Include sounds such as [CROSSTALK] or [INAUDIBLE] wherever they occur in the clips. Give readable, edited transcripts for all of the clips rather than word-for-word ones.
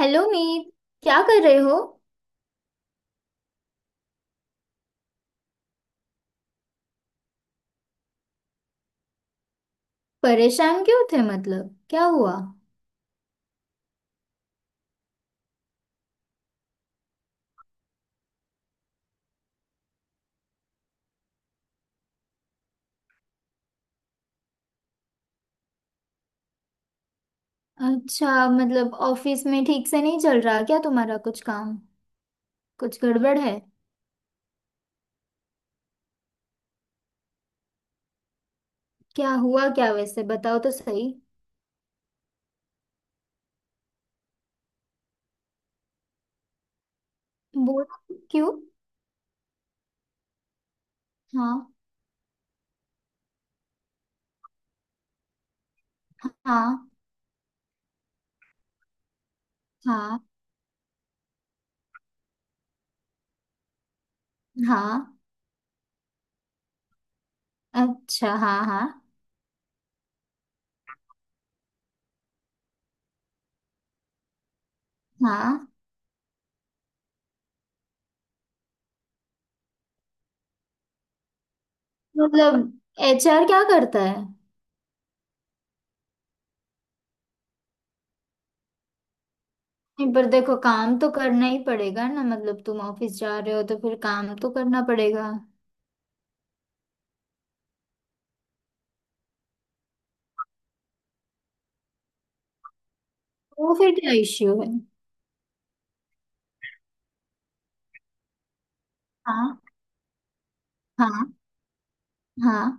Hello Meet. क्या कर रहे हो। परेशान क्यों थे? मतलब क्या हुआ। अच्छा, मतलब ऑफिस में ठीक से नहीं चल रहा क्या तुम्हारा कुछ काम? कुछ गड़बड़ है? क्या हुआ क्या, वैसे बताओ तो सही। बोल। क्यों? हाँ हाँ हाँ हाँ। अच्छा हाँ हाँ हाँ। मतलब एचआर क्या करता है? नहीं, पर देखो काम तो करना ही पड़ेगा ना, मतलब तुम ऑफिस जा रहे हो तो फिर काम तो करना पड़ेगा। वो फिर क्या इश्यू है? हाँ हाँ हाँ।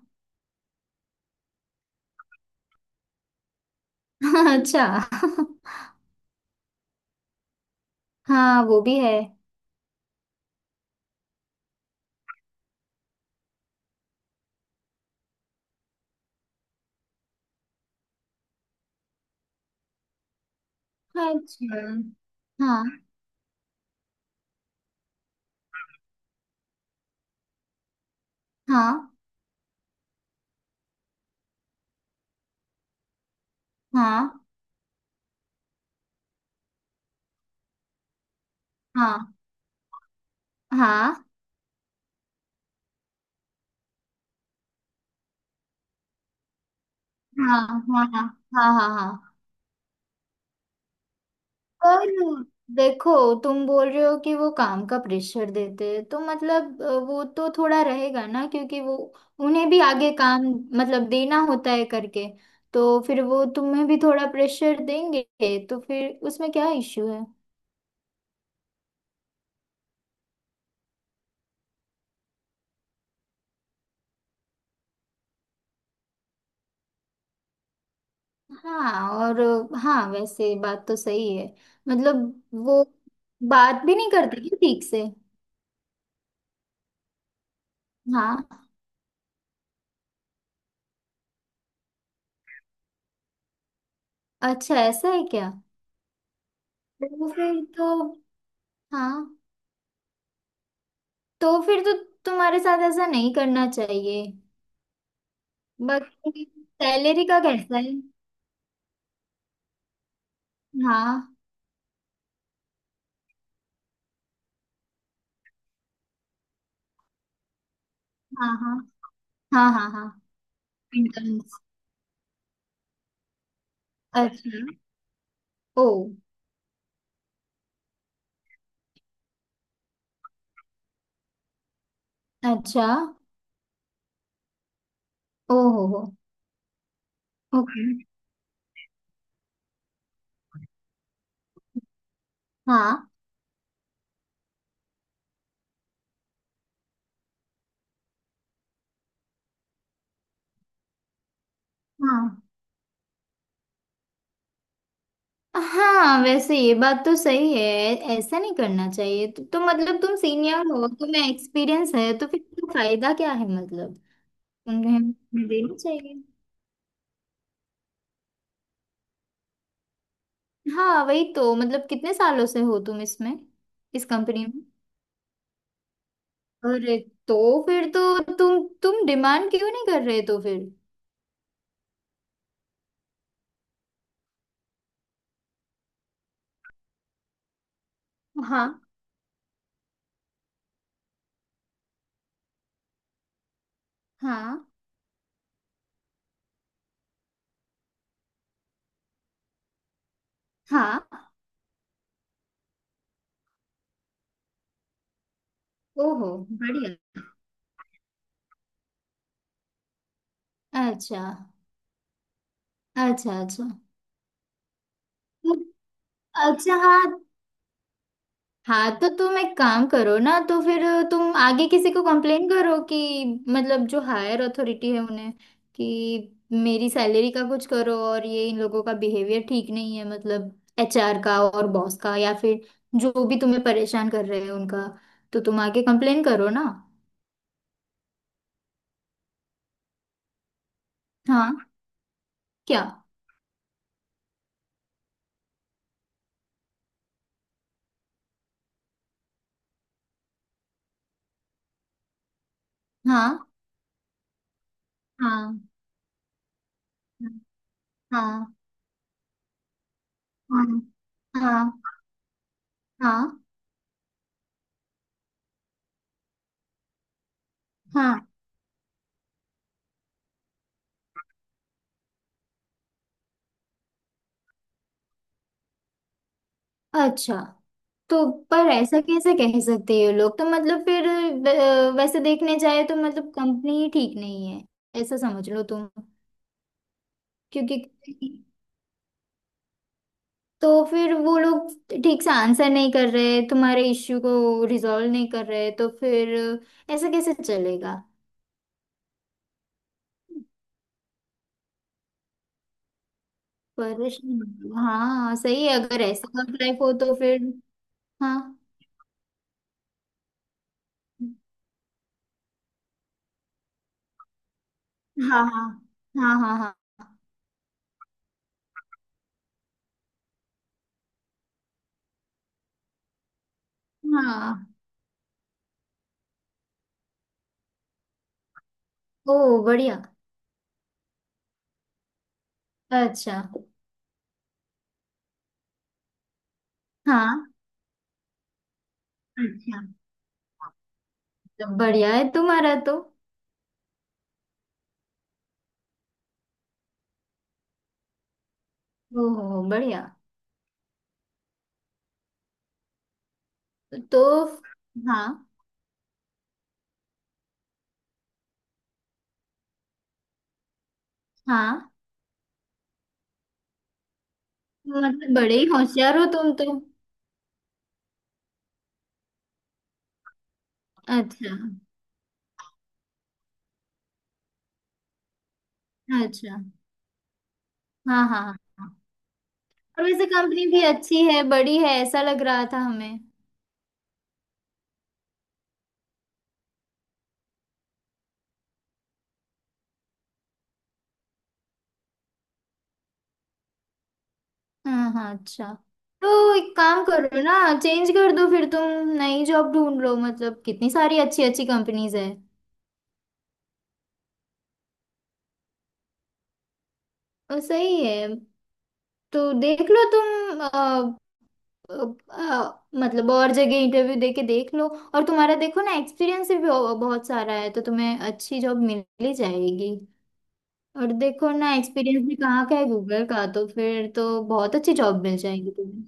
[LAUGHS] अच्छा। [LAUGHS] हाँ वो भी है। अच्छा हाँ हाँ हाँ हाँ हाँ हाँ हाँ हाँ हाँ हाँ हाँ। पर देखो, तुम बोल रहे हो कि वो काम का प्रेशर देते हैं तो मतलब वो तो थोड़ा रहेगा ना क्योंकि वो उन्हें भी आगे काम मतलब देना होता है करके, तो फिर वो तुम्हें भी थोड़ा प्रेशर देंगे। तो फिर उसमें क्या इश्यू है? हाँ और। हाँ वैसे बात तो सही है। मतलब वो बात भी नहीं करती क्या ठीक से? हाँ। अच्छा ऐसा है क्या? तो फिर तो। हाँ। तो फिर तो तुम्हारे साथ ऐसा नहीं करना चाहिए। बाकी सैलरी का कैसा है? हाँ हाँ हाँ हाँ हाँ हाँ। इंटर्न्स। अच्छा। ओ। अच्छा। ओ हो हो। ओके। हाँ हाँ। हाँ वैसे ये बात तो सही है, ऐसा नहीं करना चाहिए। तो मतलब तुम सीनियर हो, तुम्हें एक्सपीरियंस है, तो फिर तुम्हें फायदा क्या है मतलब, तुम्हें देना चाहिए। हाँ वही तो मतलब, कितने सालों से हो तुम इसमें? इस कंपनी में? अरे, तो फिर तो तुम डिमांड क्यों नहीं कर रहे तो फिर? हाँ हाँ हाँ। ओहो बढ़िया। अच्छा अच्छा। अच्छा तो- अच्छा हाँ। हाँ तो तुम एक काम करो ना तो फिर, तुम आगे किसी को कंप्लेन करो कि, मतलब जो हायर अथॉरिटी है उन्हें, कि मेरी सैलरी का कुछ करो और ये इन लोगों का बिहेवियर ठीक नहीं है मतलब। एचआर का और बॉस का या फिर जो भी तुम्हें परेशान कर रहे हैं उनका। तो तुम आगे कंप्लेन करो ना। हाँ। क्या? हाँ हाँ हाँ हाँ हाँ हाँ हाँ हाँ। अच्छा। तो पर ऐसा कैसे कह सकते हैं ये लोग तो मतलब फिर? वैसे देखने जाए तो मतलब कंपनी ही ठीक नहीं है, ऐसा समझ लो तुम। क्योंकि तो फिर वो लोग ठीक से आंसर नहीं कर रहे, तुम्हारे इश्यू को रिजॉल्व नहीं कर रहे तो फिर ऐसा कैसे चलेगा? परेशान, हाँ सही है, अगर ऐसा वर्क लाइफ हो तो फिर। हाँ हाँ हाँ हाँ हाँ हाँ हाँ। ओ बढ़िया। अच्छा। हाँ। अच्छा। बढ़िया है तुम्हारा तो। ओहो बढ़िया। तो हाँ हाँ, मतलब बड़े ही होशियार हो तुम तो। अच्छा। अच्छा। हाँ हाँ हाँ। और वैसे कंपनी भी अच्छी है, बड़ी है, ऐसा लग रहा था हमें। हाँ हाँ। अच्छा। तो एक काम करो ना, चेंज कर दो फिर, तुम नई जॉब ढूंढ लो, मतलब कितनी सारी अच्छी अच्छी कंपनीज है। और सही है, तो देख लो तुम। अ, मतलब और जगह इंटरव्यू दे के देख लो। और तुम्हारा देखो ना एक्सपीरियंस भी बहुत सारा है, तो तुम्हें अच्छी जॉब मिल ही जाएगी। और देखो ना एक्सपीरियंस भी कहाँ का है, गूगल का, तो फिर तो बहुत अच्छी जॉब मिल जाएगी तुम्हें।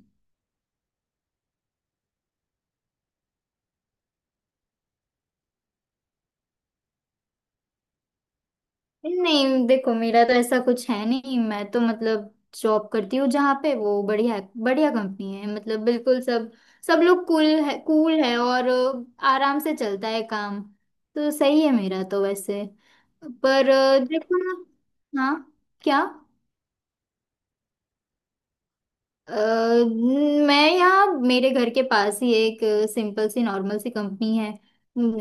नहीं देखो, मेरा तो ऐसा कुछ है नहीं। मैं तो मतलब जॉब करती हूँ जहाँ पे, वो बढ़िया बढ़िया कंपनी है, मतलब बिल्कुल, सब सब लोग कूल है और आराम से चलता है काम। तो सही है मेरा तो वैसे। पर देखो ना। हाँ। क्या? अ, मैं यहाँ मेरे घर के पास ही एक सिंपल सी नॉर्मल सी कंपनी है,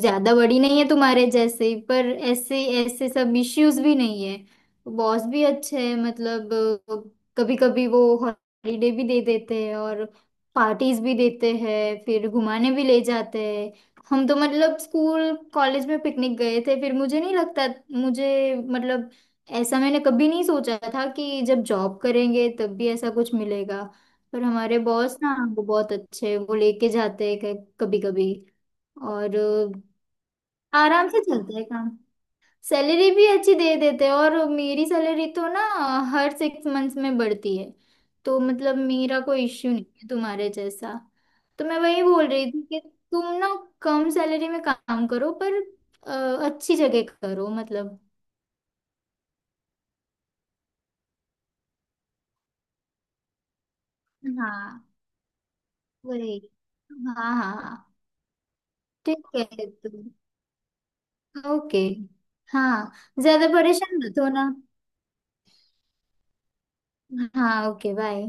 ज्यादा बड़ी नहीं है तुम्हारे जैसे, पर ऐसे ऐसे सब इश्यूज भी नहीं है। बॉस भी अच्छे हैं मतलब, कभी कभी वो हॉलीडे भी दे देते हैं और पार्टीज भी देते हैं, फिर घुमाने भी ले जाते हैं। हम तो मतलब स्कूल कॉलेज में पिकनिक गए थे, फिर मुझे नहीं लगता मुझे मतलब, ऐसा मैंने कभी नहीं सोचा था कि जब जॉब करेंगे तब भी ऐसा कुछ मिलेगा। पर हमारे बॉस ना, वो बहुत अच्छे हैं, वो लेके जाते हैं कभी कभी। और आराम से चलता है काम। सैलरी भी अच्छी दे देते हैं और मेरी सैलरी तो ना हर 6 मंथ्स में बढ़ती है। तो मतलब मेरा कोई इश्यू नहीं है तुम्हारे जैसा। तो मैं वही बोल रही थी कि तुम ना कम सैलरी में काम करो पर अच्छी जगह करो मतलब। हाँ वही। हाँ हाँ हाँ। ठीक है तो। ओके। हाँ ज्यादा परेशान मत हो ना। हाँ ओके बाय।